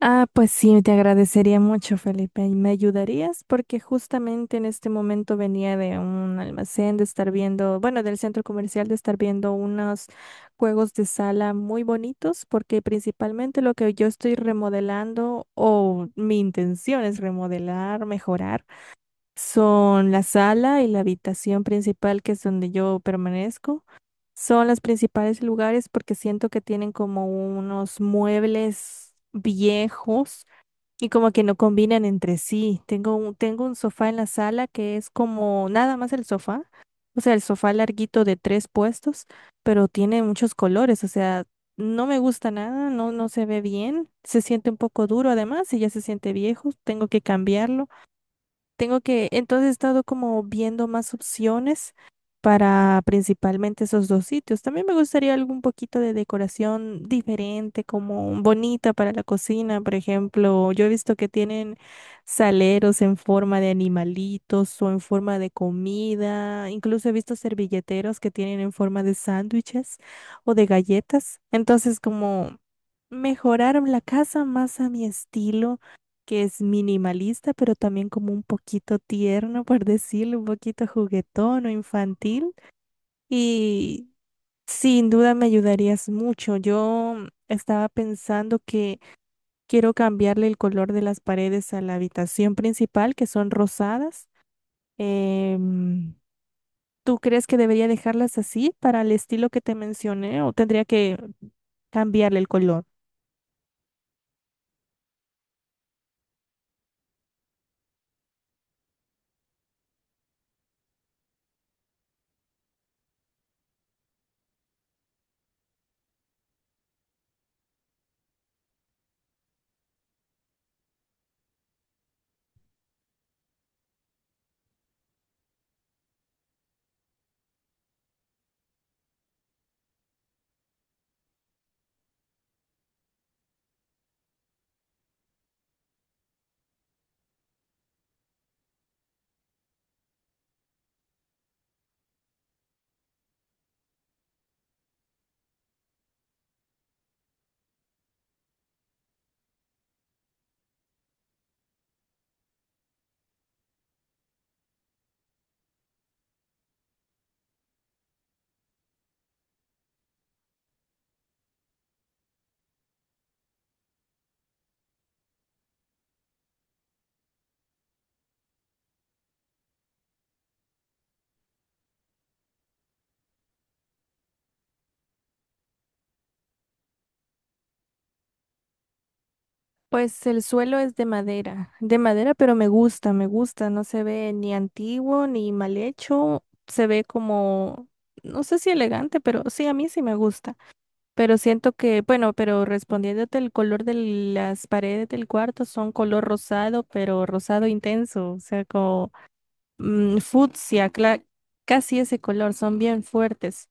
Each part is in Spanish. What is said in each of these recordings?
Ah, pues sí, te agradecería mucho, Felipe. ¿Me ayudarías? Porque justamente en este momento venía de un almacén de estar viendo, bueno, del centro comercial de estar viendo unos juegos de sala muy bonitos, porque principalmente lo que yo estoy remodelando o mi intención es remodelar, mejorar, son la sala y la habitación principal, que es donde yo permanezco. Son los principales lugares porque siento que tienen como unos muebles viejos y como que no combinan entre sí. Tengo un sofá en la sala que es como nada más el sofá. O sea, el sofá larguito de tres puestos, pero tiene muchos colores. O sea, no me gusta nada, no se ve bien. Se siente un poco duro además y ya se siente viejo. Tengo que cambiarlo. Tengo que, entonces he estado como viendo más opciones para principalmente esos dos sitios. También me gustaría algún poquito de decoración diferente, como bonita para la cocina, por ejemplo. Yo he visto que tienen saleros en forma de animalitos o en forma de comida. Incluso he visto servilleteros que tienen en forma de sándwiches o de galletas. Entonces, como mejorar la casa más a mi estilo, que es minimalista, pero también como un poquito tierno, por decirlo, un poquito juguetón o infantil. Y sin duda me ayudarías mucho. Yo estaba pensando que quiero cambiarle el color de las paredes a la habitación principal, que son rosadas. Em, ¿Tú crees que debería dejarlas así para el estilo que te mencioné o tendría que cambiarle el color? Pues el suelo es de madera, pero me gusta, no se ve ni antiguo ni mal hecho, se ve como, no sé si elegante, pero sí, a mí sí me gusta, pero siento que, bueno, pero respondiéndote el color de las paredes del cuarto son color rosado, pero rosado intenso, o sea, como fucsia, casi ese color, son bien fuertes.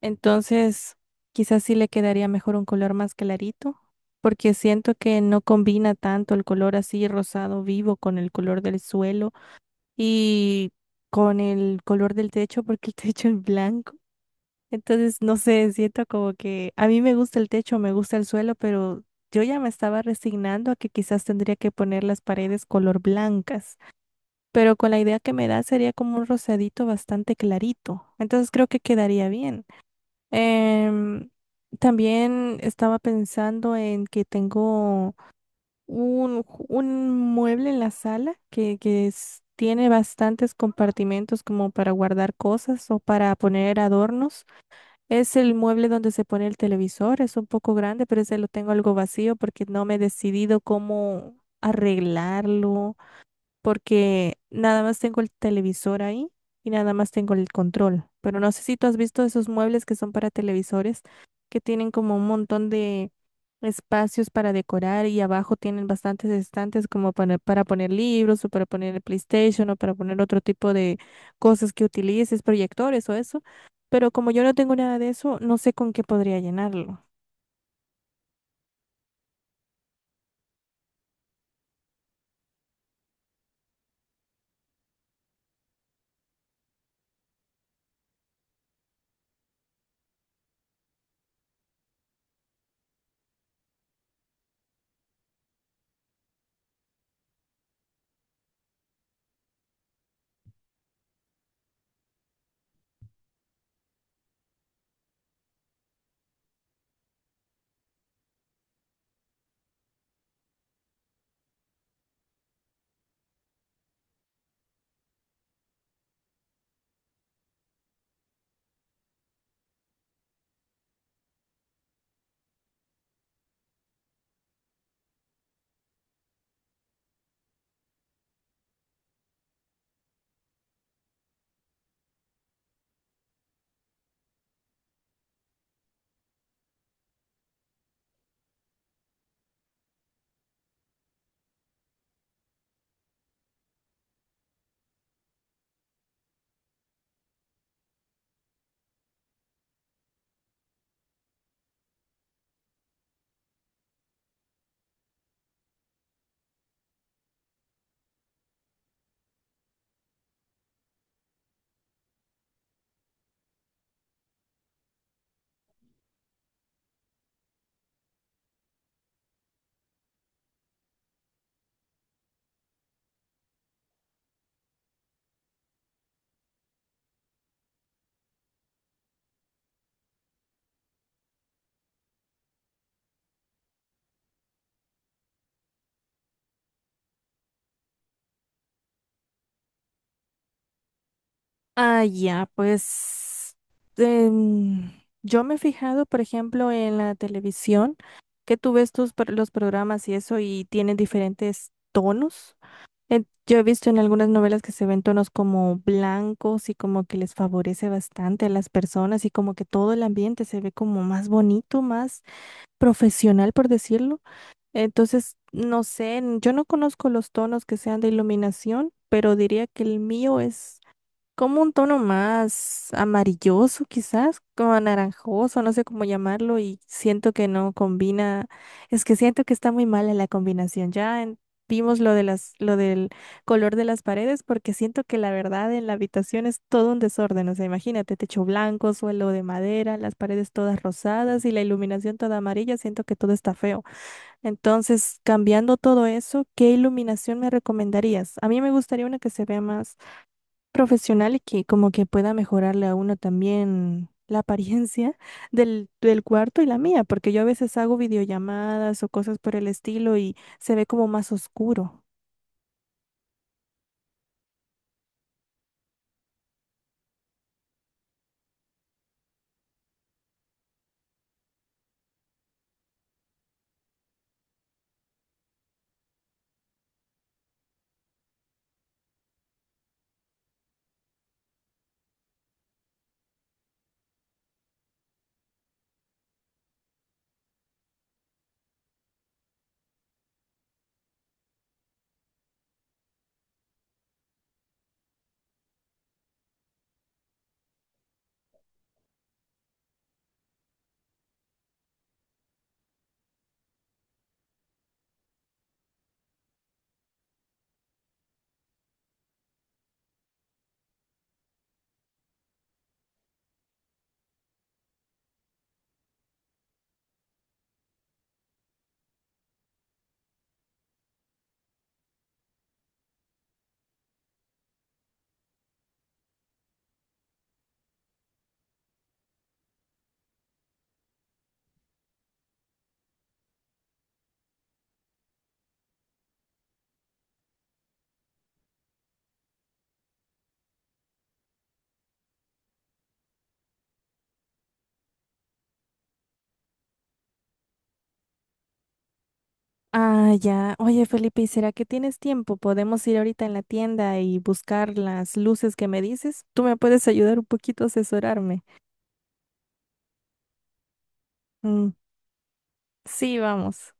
Entonces, quizás sí le quedaría mejor un color más clarito, porque siento que no combina tanto el color así rosado vivo con el color del suelo y con el color del techo, porque el techo es blanco. Entonces, no sé, siento como que a mí me gusta el techo, me gusta el suelo, pero yo ya me estaba resignando a que quizás tendría que poner las paredes color blancas, pero con la idea que me da sería como un rosadito bastante clarito. Entonces, creo que quedaría bien. Em, También estaba pensando en que tengo un, un mueble en la sala que tiene bastantes compartimentos como para guardar cosas o para poner adornos. Es el mueble donde se pone el televisor, es un poco grande, pero ese lo tengo algo vacío porque no me he decidido cómo arreglarlo porque nada más tengo el televisor ahí y nada más tengo el control. Pero no sé si tú has visto esos muebles que son para televisores, que tienen como un montón de espacios para decorar y abajo tienen bastantes estantes como para poner libros o para poner el PlayStation o para poner otro tipo de cosas que utilices, proyectores o eso. Pero como yo no tengo nada de eso, no sé con qué podría llenarlo. Ah, ya, pues em, yo me he fijado, por ejemplo, en la televisión, que tú ves los programas y eso y tienen diferentes tonos. Yo he visto en algunas novelas que se ven tonos como blancos y como que les favorece bastante a las personas y como que todo el ambiente se ve como más bonito, más profesional, por decirlo. Entonces, no sé, yo no conozco los tonos que sean de iluminación, pero diría que el mío es como un tono más amarilloso quizás, como anaranjoso, no sé cómo llamarlo y siento que no combina, es que siento que está muy mala la combinación. Vimos lo de las, lo del color de las paredes porque siento que la verdad en la habitación es todo un desorden, o sea, imagínate, techo blanco, suelo de madera, las paredes todas rosadas y la iluminación toda amarilla, siento que todo está feo. Entonces, cambiando todo eso, ¿qué iluminación me recomendarías? A mí me gustaría una que se vea más profesional y que como que pueda mejorarle a uno también la apariencia del cuarto y la mía, porque yo a veces hago videollamadas o cosas por el estilo y se ve como más oscuro. Ah, ya. Oye, Felipe, ¿y será que tienes tiempo? ¿Podemos ir ahorita en la tienda y buscar las luces que me dices? ¿Tú me puedes ayudar un poquito a asesorarme? Mm, sí, vamos.